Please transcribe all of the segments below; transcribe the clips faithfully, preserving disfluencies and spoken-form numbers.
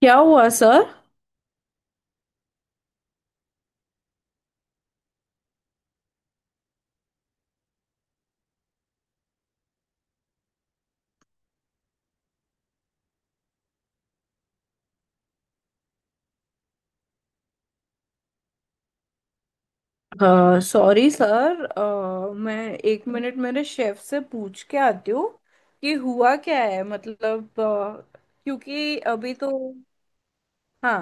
क्या हुआ सर। अ, सॉरी सर। अ, मैं एक मिनट मेरे शेफ से पूछ के आती हूँ कि हुआ क्या है। मतलब अ, क्योंकि अभी तो हाँ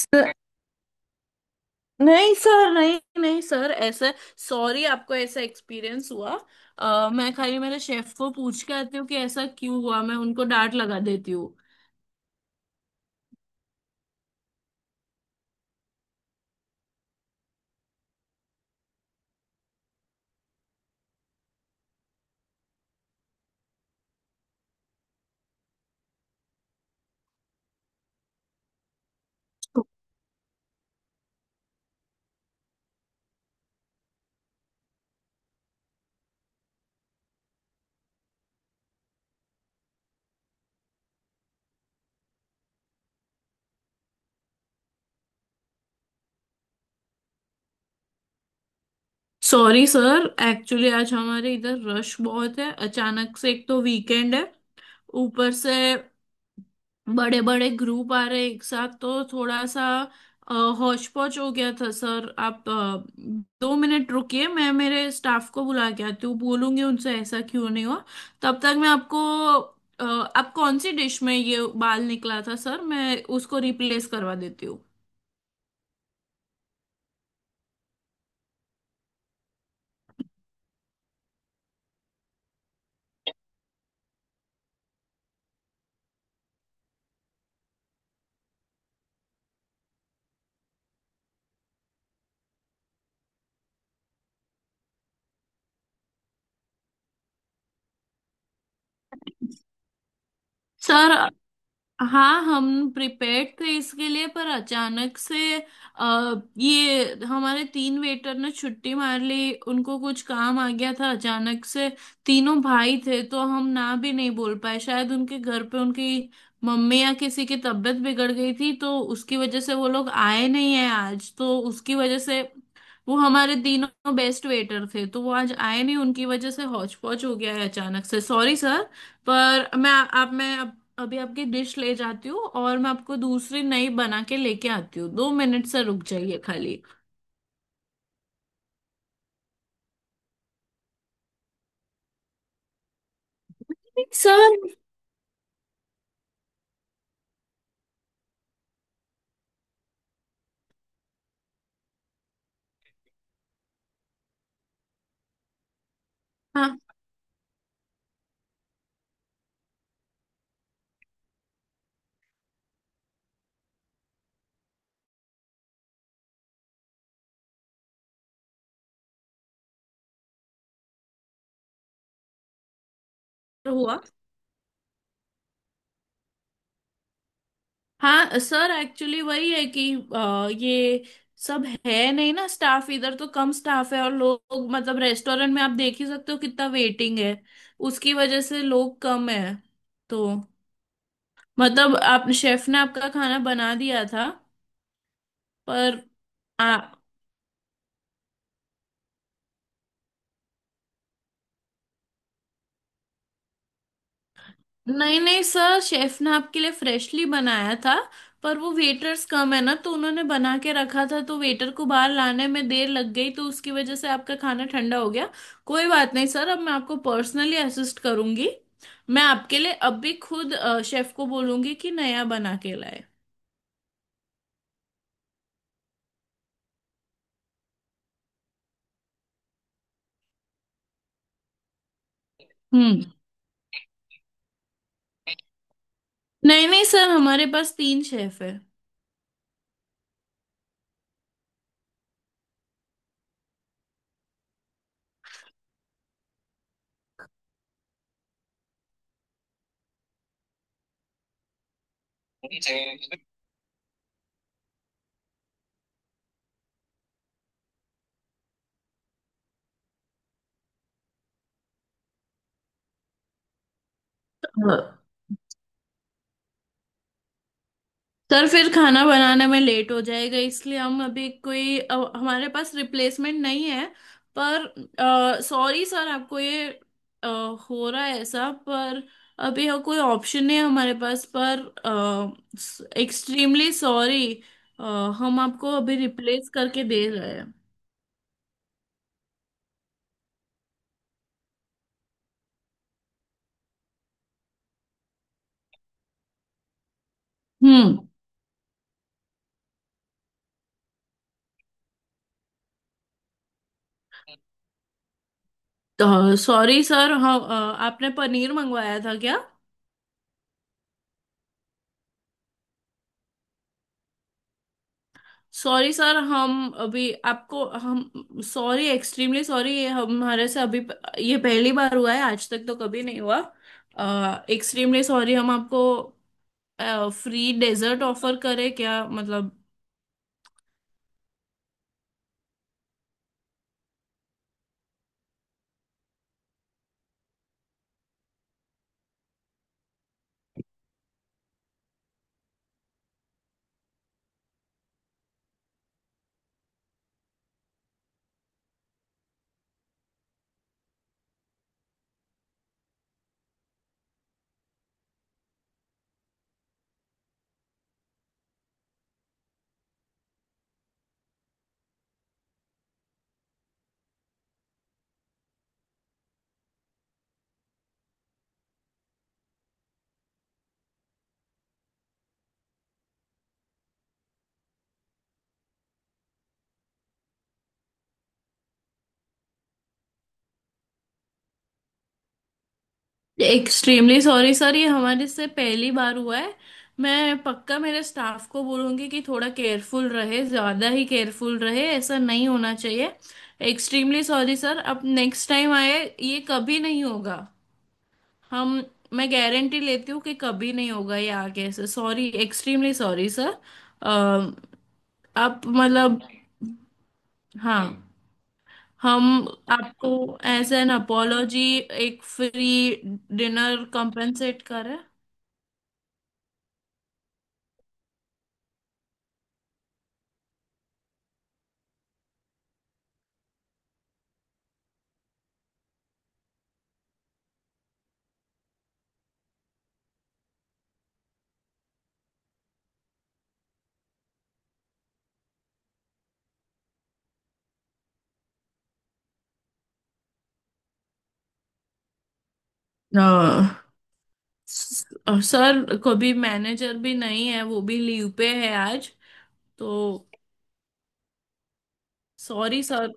सर, नहीं सर नहीं नहीं सर ऐसा। सॉरी आपको ऐसा एक्सपीरियंस हुआ। अ, मैं खाली मेरे शेफ को पूछ के आती हूँ कि ऐसा क्यों हुआ। मैं उनको डांट लगा देती हूँ। सॉरी सर, एक्चुअली आज हमारे इधर रश बहुत है अचानक से। एक तो वीकेंड है, ऊपर से बड़े बड़े ग्रुप आ रहे एक साथ, तो थोड़ा सा हौच पौच हो गया था सर। आप अ, दो मिनट रुकिए। मैं मेरे स्टाफ को बुला के आती हूँ, बोलूंगी उनसे ऐसा क्यों नहीं हुआ। तब तक मैं आपको अ, आप कौन सी डिश में ये बाल निकला था सर, मैं उसको रिप्लेस करवा देती हूँ। सर हाँ, हम प्रिपेयर्ड थे इसके लिए, पर अचानक से आ, ये हमारे तीन वेटर ने छुट्टी मार ली। उनको कुछ काम आ गया था अचानक से। तीनों भाई थे तो हम ना भी नहीं बोल पाए, शायद उनके घर पे उनकी मम्मी या किसी की तबीयत बिगड़ गई थी, तो उसकी वजह से वो लोग आए नहीं है आज। तो उसकी वजह से, वो हमारे तीनों बेस्ट वेटर थे, तो वो आज आए नहीं। उनकी वजह से हौच पौच हो गया है अचानक से। Sorry sir. पर मैं आप मैं अभी आपकी डिश ले जाती हूँ, और मैं आपको दूसरी नई बना के लेके आती हूँ। दो मिनट से रुक जाइए खाली। सर हाँ, हुआ। हाँ सर, एक्चुअली वही है कि अ, ये सब है नहीं ना स्टाफ इधर। तो कम स्टाफ है, और लोग मतलब रेस्टोरेंट में आप देख ही सकते हो कितना वेटिंग है। उसकी वजह से लोग कम है तो मतलब आप शेफ ने आपका खाना बना दिया था, पर आ, नहीं नहीं सर, शेफ ने आपके लिए फ्रेशली बनाया था। पर वो वेटर्स कम है ना, तो उन्होंने बना के रखा था, तो वेटर को बाहर लाने में देर लग गई, तो उसकी वजह से आपका खाना ठंडा हो गया। कोई बात नहीं सर, अब मैं आपको पर्सनली असिस्ट करूंगी। मैं आपके लिए अब भी खुद शेफ को बोलूंगी कि नया बना के लाए। हम्म। नहीं नहीं सर, हमारे पास तीन शेफ है। सर फिर खाना बनाने में लेट हो जाएगा, इसलिए हम अभी कोई अ, हमारे पास रिप्लेसमेंट नहीं है। पर सॉरी सर, आपको ये अ, हो रहा है ऐसा। पर अभी यहाँ कोई ऑप्शन नहीं है हमारे पास, पर एक्सट्रीमली सॉरी। हम आपको अभी रिप्लेस करके दे रहे हैं। हम्म। तो सॉरी सर, हम अ, आपने पनीर मंगवाया था क्या? सॉरी सर, हम अभी आपको हम सॉरी एक्सट्रीमली सॉरी, ये हमारे से अभी ये पहली बार हुआ है। आज तक तो कभी नहीं हुआ। Extremely sorry. हम आपको फ्री डेजर्ट ऑफर करें क्या, मतलब? एक्सट्रीमली सॉरी सर, ये हमारे से पहली बार हुआ है। मैं पक्का मेरे स्टाफ को बोलूंगी कि थोड़ा केयरफुल रहे, ज़्यादा ही केयरफुल रहे, ऐसा नहीं होना चाहिए। Extremely sorry sir. अब नेक्स्ट टाइम आए ये कभी नहीं होगा। हम मैं गारंटी लेती हूँ कि कभी नहीं होगा ये आगे से। Sorry extremely sorry sir. आप मतलब हाँ, हम आपको एज एन अपोलॉजी एक फ्री डिनर कंपेंसेट करें। अ, स- सर कभी मैनेजर भी नहीं है, वो भी लीव पे है आज, तो सॉरी सर।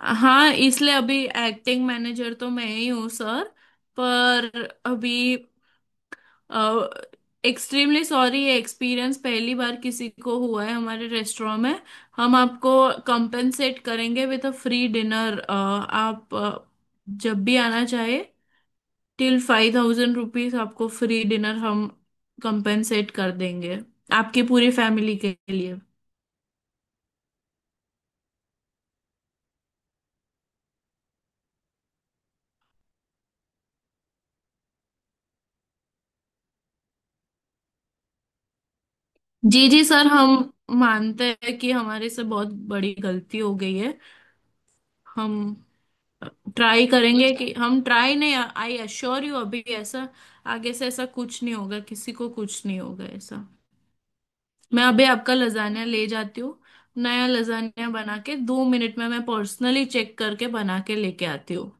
हाँ, इसलिए अभी एक्टिंग मैनेजर तो मैं ही हूँ सर। पर अभी एक्सट्रीमली सॉरी, ये एक्सपीरियंस पहली बार किसी को हुआ है हमारे रेस्टोरेंट में। हम आपको कंपेंसेट करेंगे विद अ फ्री डिनर। आप अ, जब भी आना चाहे, टिल फाइव थाउजेंड रुपीज आपको फ्री डिनर हम कंपेंसेट कर देंगे, आपकी पूरी फैमिली के लिए। जी जी सर, हम मानते हैं कि हमारे से बहुत बड़ी गलती हो गई है। हम ट्राई करेंगे कि हम ट्राई नहीं, आई अश्योर यू अभी ऐसा, आगे से ऐसा कुछ नहीं होगा। किसी को कुछ नहीं होगा ऐसा। मैं अभी आपका लजानिया ले जाती हूँ। नया लजानिया बना के दो मिनट में मैं पर्सनली चेक करके बना के लेके आती हूँ।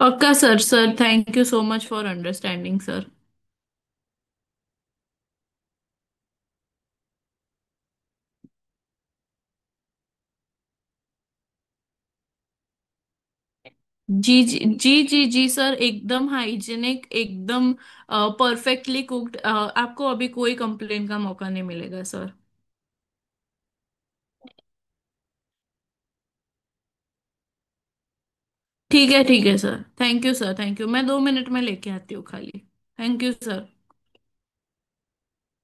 पक्का sir, sir thank you so much for understanding sir. जी जी जी जी जी सर, एकदम हाइजीनिक, एकदम परफेक्टली कुक्ड। आपको अभी कोई कंप्लेन का मौका नहीं मिलेगा सर। ठीक है ठीक है sir, thank you sir, thank you. मैं दो मिनट में लेके आती हूँ खाली। Thank you sir.